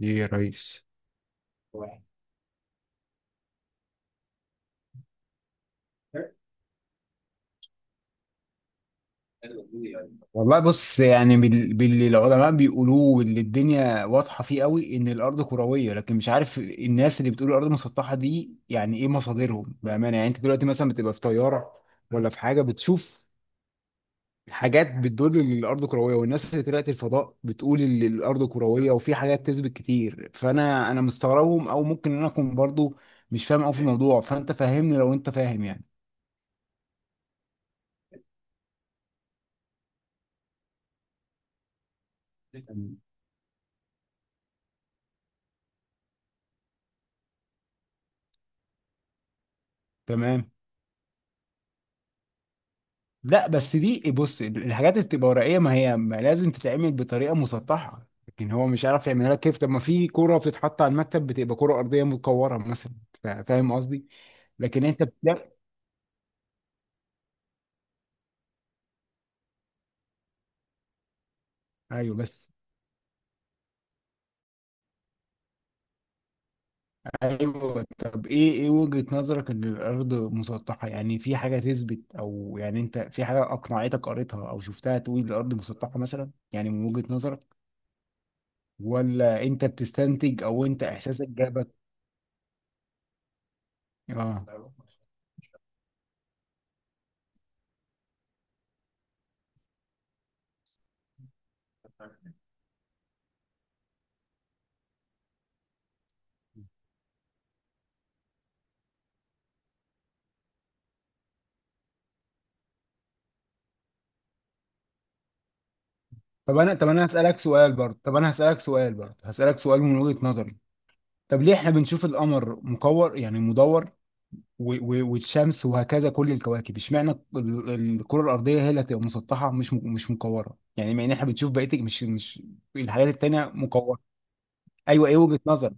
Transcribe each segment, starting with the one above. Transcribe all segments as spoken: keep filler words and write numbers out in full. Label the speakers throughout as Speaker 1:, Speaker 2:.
Speaker 1: ليه يا ريس؟ والله بص، يعني بال- باللي العلماء بيقولوه واللي الدنيا واضحة فيه قوي، ان الارض كروية. لكن مش عارف الناس اللي بتقول الارض مسطحة دي، يعني ايه مصادرهم بأمانة؟ يعني انت دلوقتي مثلا بتبقى في طيارة ولا في حاجة بتشوف حاجات بتدل ان الارض كروية، والناس اللي طلعت الفضاء بتقول ان الارض كروية، وفي حاجات تثبت كتير. فانا انا مستغربهم، او ممكن انا اكون برضو مش فاهم قوي في الموضوع. فانت فهمني لو انت فاهم يعني. تمام. لا، بس دي بص الحاجات اللي بتبقى ورقيه ما هي ما لازم تتعمل بطريقه مسطحه، لكن هو مش عارف يعملها لك كيف. طب ما في كوره بتتحط على المكتب بتبقى كوره ارضيه متكوره مثلا. فا- فاهم قصدي؟ لكن انت بتلاقي ايوه بس ايوه. طب ايه ايه وجهه نظرك ان الارض مسطحه؟ يعني في حاجه تثبت، او يعني انت في حاجه اقنعتك قريتها او شفتها تقول الارض مسطحه مثلا؟ يعني من وجهه نظرك، ولا انت بتستنتج، او انت احساسك جابك؟ اه. طب انا طب انا هسألك سؤال برضه طب انا هسألك سؤال برضه هسألك سؤال من وجهة نظري. طب ليه احنا بنشوف القمر مكور يعني مدور؟ و... و... والشمس وهكذا كل الكواكب، اشمعنى ال- ال- الكرة الأرضية هي اللي هتبقى مسطحة مش م... مش مكورة؟ يعني مع ان احنا بنشوف بقية مش مش الحاجات التانية مكورة. ايوه، ايه وجهة نظرك؟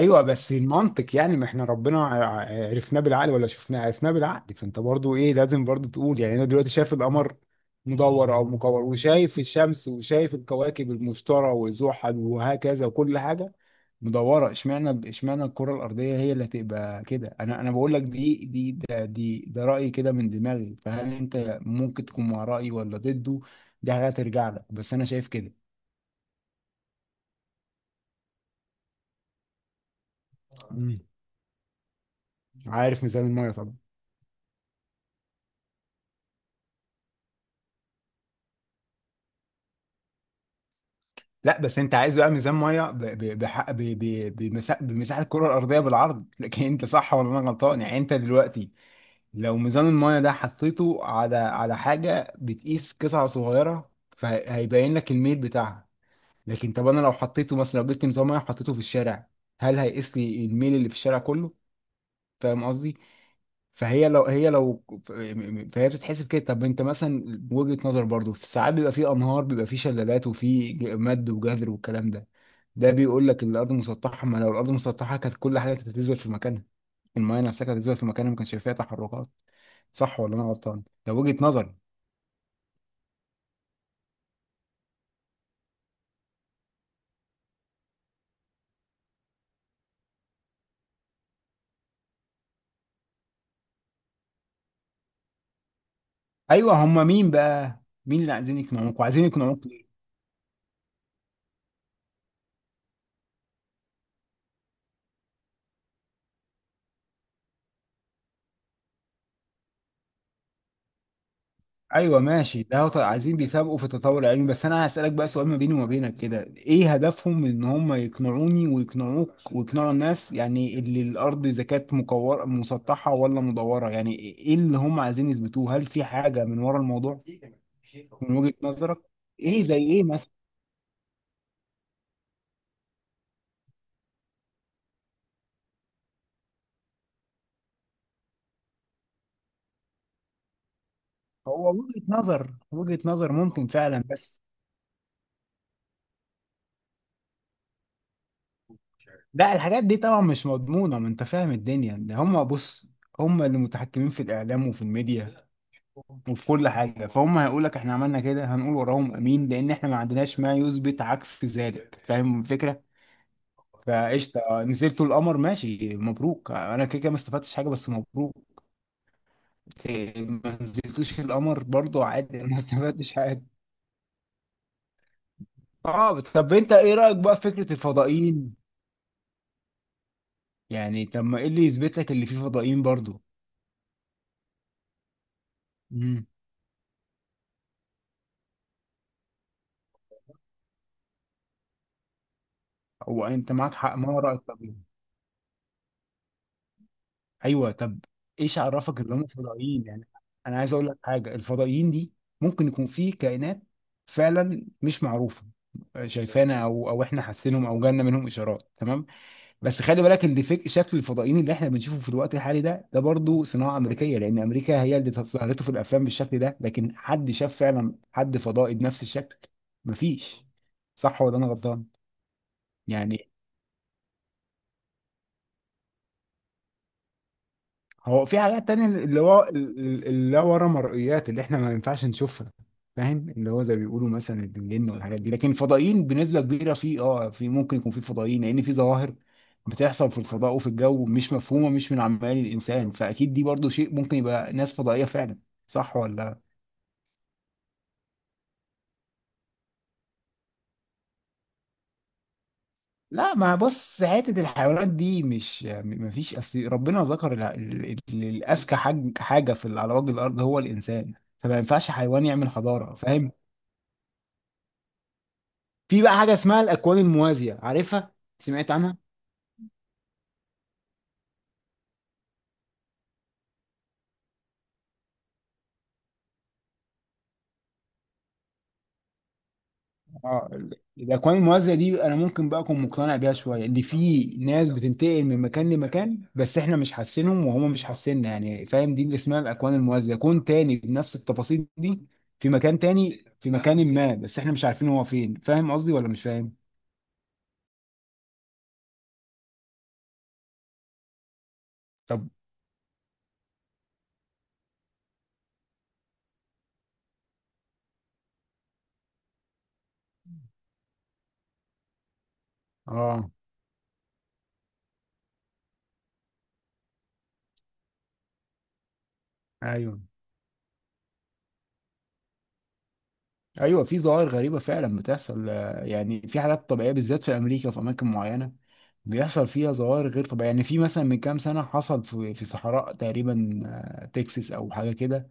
Speaker 1: ايوه بس المنطق يعني، ما احنا ربنا ع- عرفناه بالعقل ولا شفناه؟ عرفناه بالعقل. فانت برضو ايه لازم برضو تقول، يعني انا دلوقتي شايف القمر مدور او مكور، وشايف الشمس، وشايف الكواكب المشتري وزحل وهكذا، وكل حاجه مدوره. اشمعنى اشمعنى الكره الارضيه هي اللي هتبقى كده؟ انا انا بقول لك دي دي ده دي ده رايي كده من دماغي. فهل انت ممكن تكون مع رايي ولا ضده؟ دي حاجه ترجع لك، بس انا شايف كده. مم. عارف ميزان الميه طبعا. لا، بس انت عايز بقى ميزان ميه ب- ب- بحق- ب- ب- بمسا- بمساحه الكره الارضيه بالعرض. لكن انت صح ولا انا غلطان؟ يعني انت دلوقتي لو ميزان الميه ده حطيته على على حاجه بتقيس قطعه صغيره فهيبين لك الميل بتاعها. لكن طب انا لو حطيته مثلا، لو جبت ميزان ميه حطيته في الشارع، هل هيقيس لي الميل اللي في الشارع كله؟ فاهم قصدي؟ فهي لو هي لو فهي بتتحسب كده. طب انت مثلا وجهة نظر برضو، في ساعات بيبقى في انهار، بيبقى في شلالات، وفي ج- مد وجذر والكلام ده، ده بيقول لك ان الارض مسطحه. ما لو الارض مسطحه كانت كل حاجه تتزلزل في مكانها، المايه نفسها كانت تتزلزل في مكانها، ما كانش فيها تحركات. صح ولا انا غلطان؟ ده وجهة نظري. ايوه، هم مين بقى، مين اللي عايزين يقنعوك وعايزين يقنعوك ايوه ماشي، ده هو عايزين بيسابقوا في التطور العلمي. بس انا هسألك بقى سؤال ما بيني وما بينك كده، ايه هدفهم من ان هم يقنعوني ويقنعوك ويقنعوا الناس، يعني اللي الارض اذا كانت مكورة مسطحة ولا مدورة، يعني ايه اللي هم عايزين يثبتوه؟ هل في حاجة من ورا الموضوع؟ من وجهة نظرك، ايه زي ايه مثلا؟ هو وجهة نظر وجهة نظر ممكن فعلا بس. لا، الحاجات دي طبعا مش مضمونة، ما انت فاهم الدنيا ده. هم بص هم اللي متحكمين في الاعلام وفي الميديا وفي كل حاجه، فهم هيقول لك احنا عملنا كده، هنقول وراهم امين، لان احنا ما عندناش ما يثبت عكس ذلك. فاهم الفكره؟ فقشطه، آه، نزلتوا القمر ماشي مبروك، انا كده كده ما استفدتش حاجه، بس مبروك. إيه، ما نزلتوش القمر برضو عادي، أنا ما استفدتش حاجه. اه، طب انت ايه رايك بقى في فكره الفضائيين؟ يعني طب ما ايه اللي يثبت لك اللي فيه فضائيين برضو؟ امم. هو انت معاك حق، ما هو رايك طب إيه؟ ايوه طب، ايش عرفك ان هم فضائيين يعني؟ انا عايز اقول لك حاجه، الفضائيين دي ممكن يكون في كائنات فعلا مش معروفه شايفانا، او او احنا حاسينهم او جالنا منهم اشارات، تمام. بس خلي بالك ان فك- شكل الفضائيين اللي احنا بنشوفه في الوقت الحالي ده ده برضه صناعه امريكيه، لان امريكا هي اللي ظهرته في الافلام بالشكل ده. لكن حد شاف فعلا حد فضائي بنفس الشكل؟ مفيش. صح ولا انا غلطان؟ يعني هو في حاجات تانية اللي هو ال- ال- اللي ورا مرئيات اللي احنا ما ينفعش نشوفها. فاهم اللي هو زي ما بيقولوا مثلا الجن والحاجات دي. لكن الفضائيين بنسبة كبيرة، في اه في، ممكن يكون في فضائيين لأن في ظواهر بتحصل في الفضاء وفي الجو مش مفهومة، مش من عمال الإنسان، فأكيد دي برضو شيء ممكن يبقى ناس فضائية فعلا. صح ولا؟ لا، ما بص حتة الحيوانات دي مش، ما فيش، أصل ربنا ذكر ال- ال- ال- الأذكى حاج- حاجة في على وجه الأرض هو الإنسان، فما ينفعش حيوان يعمل حضارة. فاهم؟ في بقى حاجه اسمها الاكوان الموازيه، عارفها؟ سمعت عنها؟ اه، ال- الاكوان الموازيه دي انا ممكن بقى اكون مقتنع بيها شويه، ان في ناس بتنتقل من مكان لمكان بس احنا مش حاسينهم وهم مش حاسيننا يعني. فاهم؟ دي اللي اسمها الاكوان الموازيه، كون تاني بنفس التفاصيل دي في مكان تاني، في مكان ما، بس احنا مش عارفين هو فين. فاهم قصدي ولا مش فاهم؟ طب. اه. ايوه ايوه. في ظواهر غريبه فعلا بتحصل، آه، يعني في حالات طبيعيه بالذات في امريكا وفي اماكن معينه بيحصل فيها ظواهر غير طبيعيه. يعني في مثلا من كام سنه حصل في في صحراء تقريبا، آه، تكساس او حاجه كده،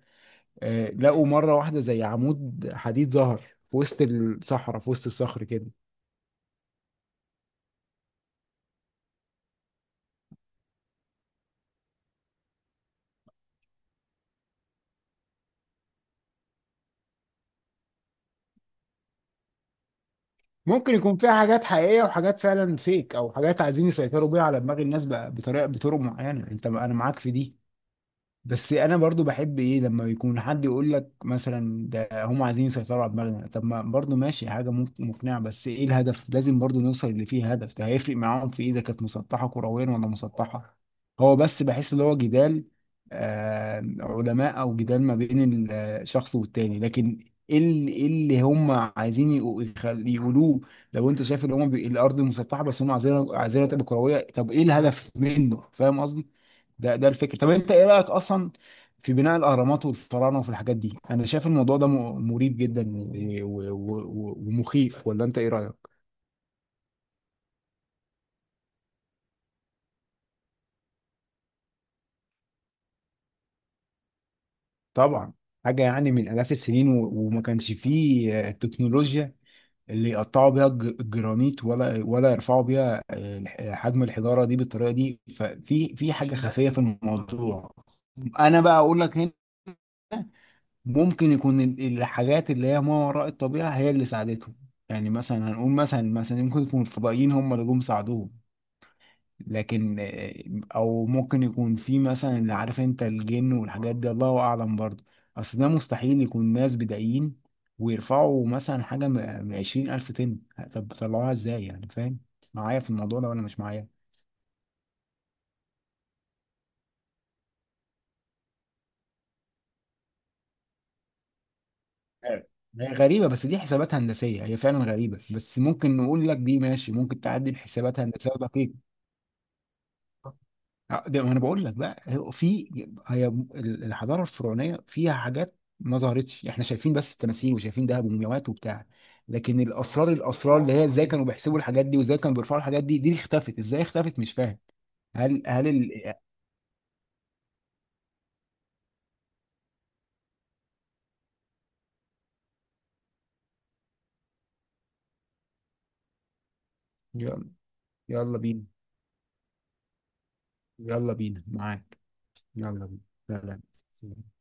Speaker 1: آه، لقوا مره واحده زي عمود حديد ظهر في وسط الصحراء في وسط الصخر كده. ممكن يكون فيها حاجات حقيقيه وحاجات فعلا فيك، او حاجات عايزين يسيطروا بيها على دماغ الناس بقى بطريقه بطرق معينه. انت انا معاك في دي. بس انا برضو بحب ايه، لما يكون حد يقول لك مثلا ده هم عايزين يسيطروا على دماغنا، طب ما برضو ماشي حاجه ممكن مقنعه، بس ايه الهدف؟ لازم برضو نوصل اللي فيه هدف. ده هيفرق معاهم في ايه اذا كانت مسطحه كرويا ولا مسطحه؟ هو بس بحس اللي هو جدال آه علماء، او جدال ما بين الشخص والتاني، لكن ايه اللي, إيه اللي هم عايزين يقو- يخل- يقولوه؟ لو انت شايف ان هم بي- الارض مسطحه، بس هم عايزينها عايزينها تبقى كرويه، طب ايه الهدف منه؟ فاهم؟ ده ده الفكر. طب انت ايه رايك اصلا في بناء الاهرامات والفراعنه وفي الحاجات دي؟ انا شايف الموضوع ده م- مريب جدا و- و- و- و- ومخيف، ولا انت ايه رايك؟ طبعا حاجه يعني من الاف السنين و- وما كانش فيه آه، التكنولوجيا اللي يقطعوا بيها الج- الجرانيت، ولا ولا يرفعوا بيها آه، الح- حجم الحجاره دي بالطريقه دي. ففي في حاجه خفيه في الموضوع. انا بقى اقول لك ممكن يكون ال- الحاجات اللي هي ما وراء الطبيعة هي اللي ساعدتهم. يعني مثلا هنقول مثلا مثلا ممكن يكون الفضائيين هم اللي جم ساعدوهم. لكن آه، او ممكن يكون في مثلا، اللي عارف انت الجن والحاجات دي الله اعلم برضه. اصل ده مستحيل يكون ناس بدائيين ويرفعوا مثلا حاجة من عشرين ألف طن. طب طلعوها ازاي يعني؟ فاهم معايا في الموضوع ده ولا مش معايا؟ أيوة. هي غريبة بس دي حسابات هندسية، هي فعلا غريبة، بس ممكن نقول لك دي ماشي، ممكن تعدي بحسابات هندسية دقيقة. آه، ده ما انا بقول لك بقى، هو في، هي ال- الحضاره الفرعونيه فيها حاجات ما ظهرتش. احنا شايفين بس التماثيل وشايفين دهب ومومياوات وبتاع، لكن الاسرار الاسرار اللي هي ازاي كانوا بيحسبوا الحاجات دي، وازاي كانوا بيرفعوا الحاجات دي دي اللي اختفت ازاي اختفت مش فاهم. هل هل ال... يلا. يلا بينا، يلا بينا معاك. يلا بينا. سلام.